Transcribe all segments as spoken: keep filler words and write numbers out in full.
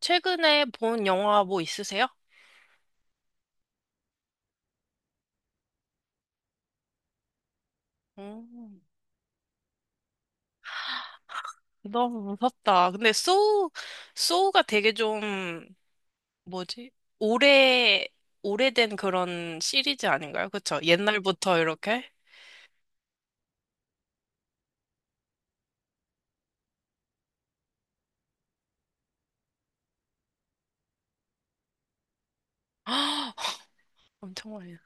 최근에 본 영화 뭐 있으세요? 음. 너무 무섭다. 근데 소우, 소우가 되게 좀, 뭐지? 오래, 오래된 그런 시리즈 아닌가요? 그쵸? 옛날부터 이렇게? 아, 엄청 많이.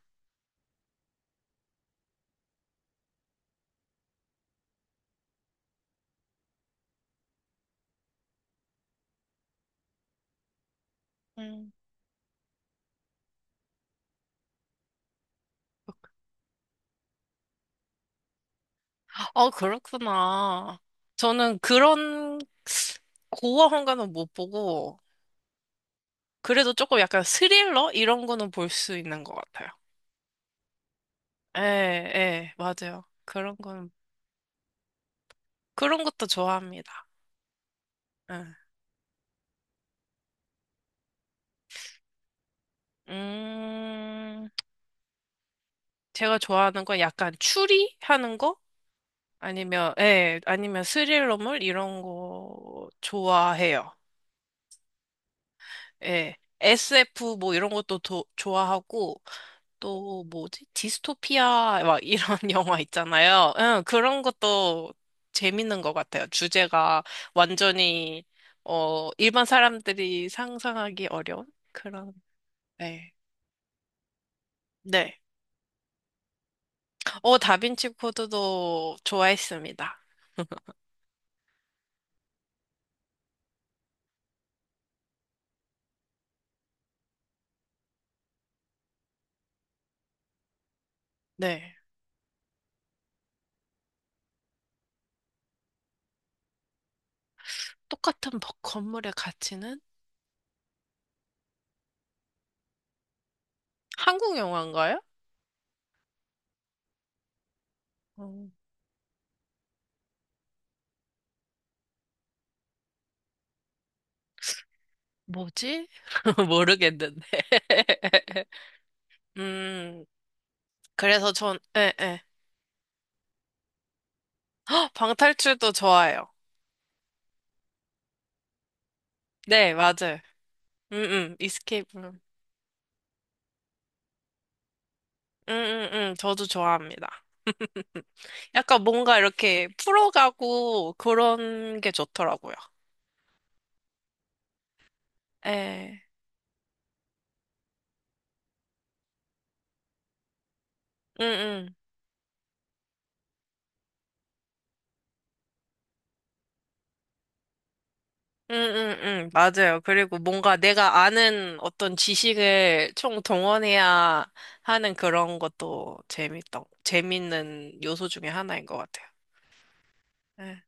음. 아, 그렇구나. 저는 그런 고어한 거는 못 보고, 그래도 조금 약간 스릴러? 이런 거는 볼 수 있는 것 같아요. 예, 예, 맞아요. 그런 거는, 그런 것도 좋아합니다. 예. 음, 제가 좋아하는 건 약간 추리하는 거? 아니면, 예, 아니면 스릴러물? 이런 거 좋아해요. 예. 에스에프 뭐 이런 것도 도- 좋아하고, 또 뭐지? 디스토피아 막 이런 영화 있잖아요. 응, 그런 것도 재밌는 것 같아요. 주제가 완전히, 어, 일반 사람들이 상상하기 어려운 그런, 네. 네. 어, 다빈치 코드도 좋아했습니다. 네. 똑같은 버- 건물의 가치는 한국 영화인가요? 어, 뭐지? 모르겠는데. 음, 그래서 전, 네, 네. 헉, 방탈출도 좋아요. 네, 맞아요. 음, 음, 이스케이프 음, 음, 음, 저도 좋아합니다. 약간 뭔가 이렇게 풀어가고 그런 게 좋더라고요. 예. 음, 음. 응응응 맞아요. 그리고 뭔가 내가 아는 어떤 지식을 총동원해야 하는 그런 것도 재밌다. 재밌는 요소 중에 하나인 것 같아요. 네.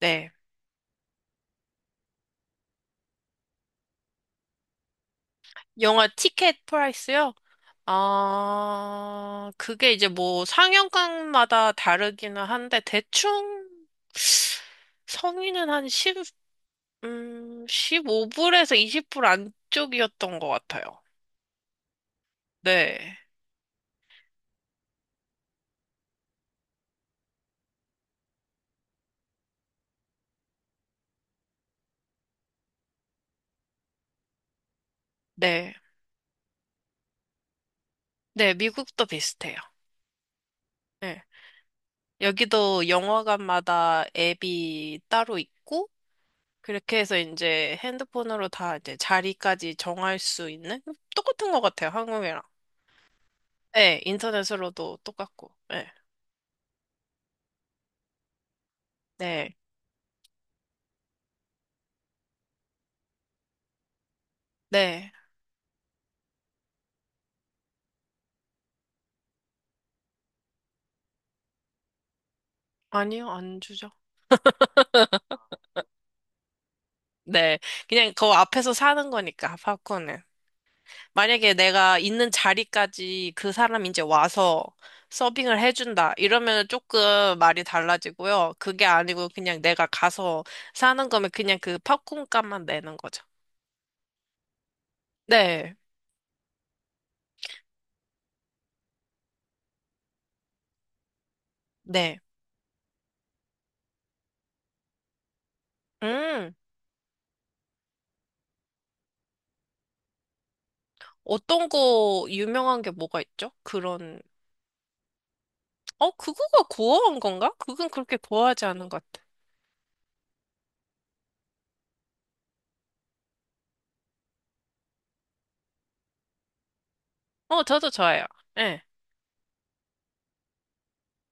네. 영화 티켓 프라이스요? 아, 그게 이제 뭐 상영관마다 다르기는 한데 대충 성인은 한1 음, 5불에서 이십 불 안쪽이었던 것 같아요. 네. 네. 네, 미국도 비슷해요. 네. 여기도 영화관마다 앱이 따로 있고, 그렇게 해서 이제 핸드폰으로 다 이제 자리까지 정할 수 있는? 똑같은 것 같아요, 한국이랑. 네, 인터넷으로도 똑같고. 네. 네. 네. 아니요, 안 주죠. 네. 그냥 그 앞에서 사는 거니까, 팝콘은. 만약에 내가 있는 자리까지 그 사람이 이제 와서 서빙을 해준다. 이러면 조금 말이 달라지고요. 그게 아니고 그냥 내가 가서 사는 거면 그냥 그 팝콘 값만 내는 거죠. 네, 네. 음, 어떤 거 유명한 게 뭐가 있죠? 그런, 어, 그거가 고어한 건가? 그건 그렇게 고어하지 않은 것 같아. 어, 저도 좋아요. 예,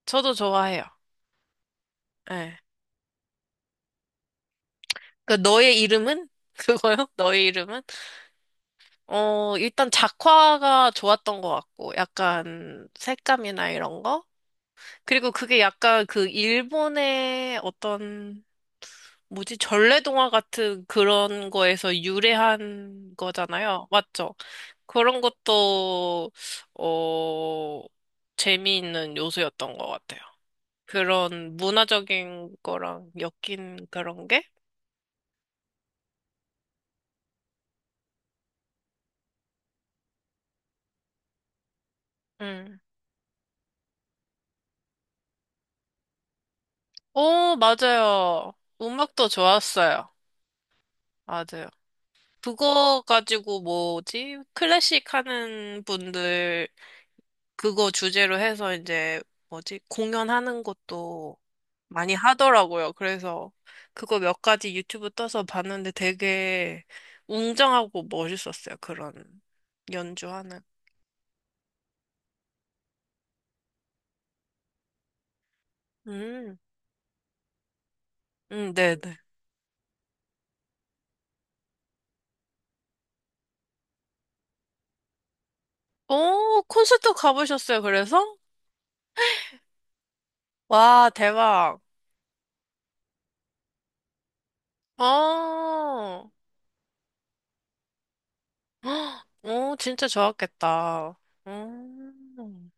저도 좋아해요. 예. 그, 너의 이름은? 그거요? 너의 이름은? 어, 일단 작화가 좋았던 것 같고, 약간 색감이나 이런 거? 그리고 그게 약간 그 일본의 어떤, 뭐지, 전래동화 같은 그런 거에서 유래한 거잖아요. 맞죠? 그런 것도, 어, 재미있는 요소였던 것 같아요. 그런 문화적인 거랑 엮인 그런 게? 음. 오, 맞아요. 음악도 좋았어요. 맞아요. 그거 가지고 뭐지? 클래식 하는 분들 그거 주제로 해서 이제 뭐지? 공연하는 것도 많이 하더라고요. 그래서 그거 몇 가지 유튜브 떠서 봤는데 되게 웅장하고 멋있었어요. 그런 연주하는. 음, 음, 네네. 오, 콘서트 가보셨어요. 그래서? 와, 대박. 어, 헉, 오, 진짜 좋았겠다. 음.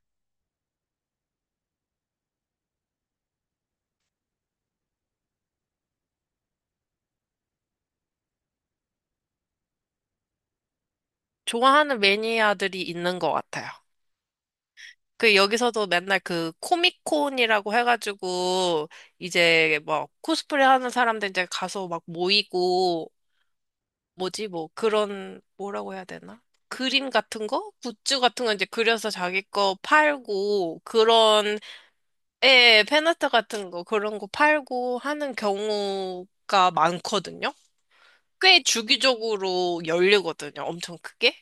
좋아하는 매니아들이 있는 것 같아요. 그 여기서도 맨날 그 코미콘이라고 해가지고 이제 뭐 코스프레 하는 사람들 이제 가서 막 모이고 뭐지 뭐 그런 뭐라고 해야 되나? 그림 같은 거? 굿즈 같은 거 이제 그려서 자기 거 팔고 그런 예, 팬아트 같은 거 그런 거 팔고 하는 경우가 많거든요. 꽤 주기적으로 열리거든요. 엄청 크게.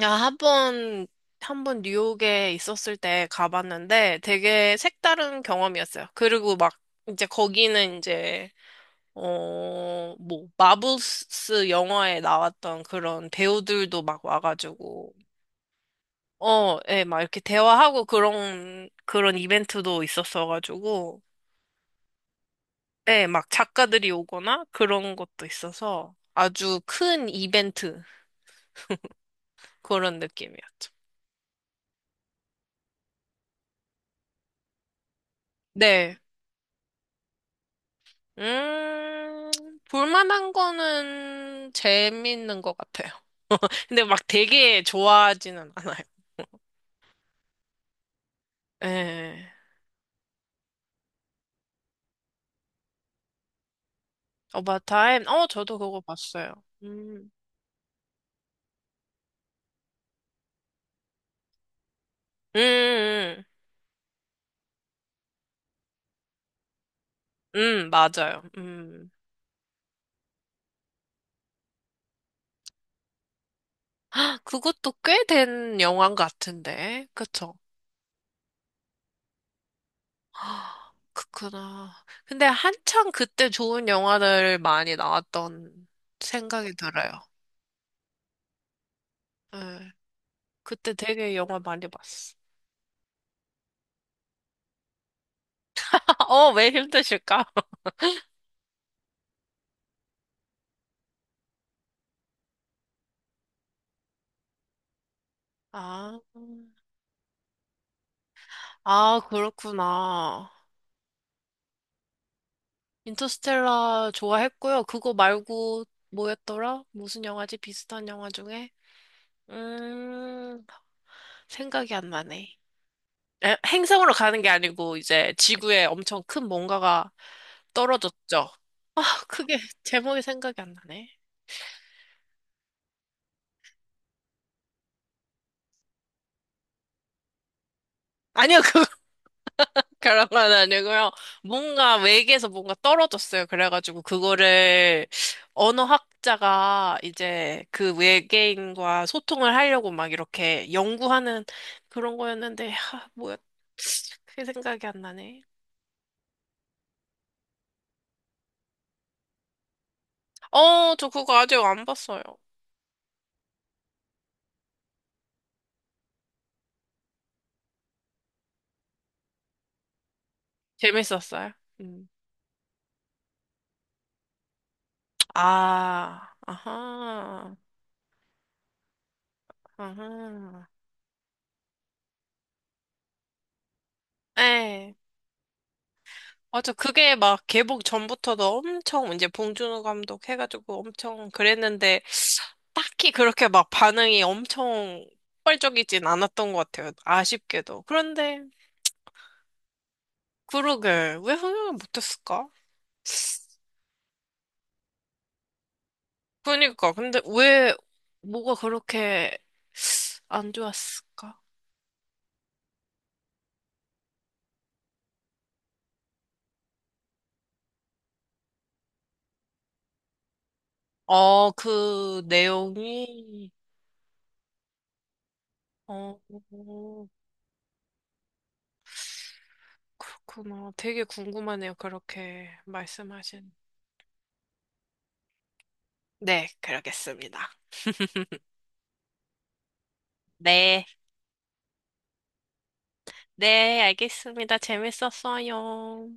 야, 한 번, 한 번 뉴욕에 있었을 때 가봤는데 되게 색다른 경험이었어요. 그리고 막 이제 거기는 이제, 어, 뭐, 마블스 영화에 나왔던 그런 배우들도 막 와가지고, 어, 예, 막 이렇게 대화하고 그런, 그런 이벤트도 있었어가지고, 예, 막 작가들이 오거나 그런 것도 있어서 아주 큰 이벤트, 그런 느낌이었죠. 네. 음, 볼만한 거는 재밌는 것 같아요. 근데 막 되게 좋아하지는 않아요. 예. 어바타임? 어, 저도 그거 봤어요. 음, 음, 음, 음, 음, 맞아요. 음. 헉, 그것도 꽤 된 영화인 것 같은데. 그쵸? 아, 그렇구나. 근데 한창 그때 좋은 영화들 많이 나왔던 생각이 들어요. 예. 그때 되게 영화 많이 봤어. 어, 왜 힘드실까? 아, 아, 그렇구나. 인터스텔라 좋아했고요. 그거 말고 뭐였더라? 무슨 영화지? 비슷한 영화 중에? 음, 생각이 안 나네. 에, 행성으로 가는 게 아니고 이제 지구에 엄청 큰 뭔가가 떨어졌죠. 아, 그게 제목이 생각이 안 나네. 아니요, 그 그런 건 아니고요. 뭔가 외계에서 뭔가 떨어졌어요. 그래가지고 그거를 언어학자가 이제 그 외계인과 소통을 하려고 막 이렇게 연구하는 그런 거였는데, 하, 뭐야, 그게 생각이 안 나네. 어, 저 그거 아직 안 봤어요. 재밌었어요? 음. 아, 아하, 아하. 네. 맞아. 그게 막 개봉 전부터도 엄청 이제 봉준호 감독 해가지고 엄청 그랬는데, 딱히 그렇게 막 반응이 엄청 폭발적이진 않았던 것 같아요. 아쉽게도. 그런데, 그러게, 왜 흥행을 못했을까? 그러니까, 근데 왜, 뭐가 그렇게 안 좋았을까? 어, 그 내용이, 어, 그렇구나. 되게 궁금하네요. 그렇게 말씀하신. 네, 그러겠습니다. 네, 네, 알겠습니다. 재밌었어요.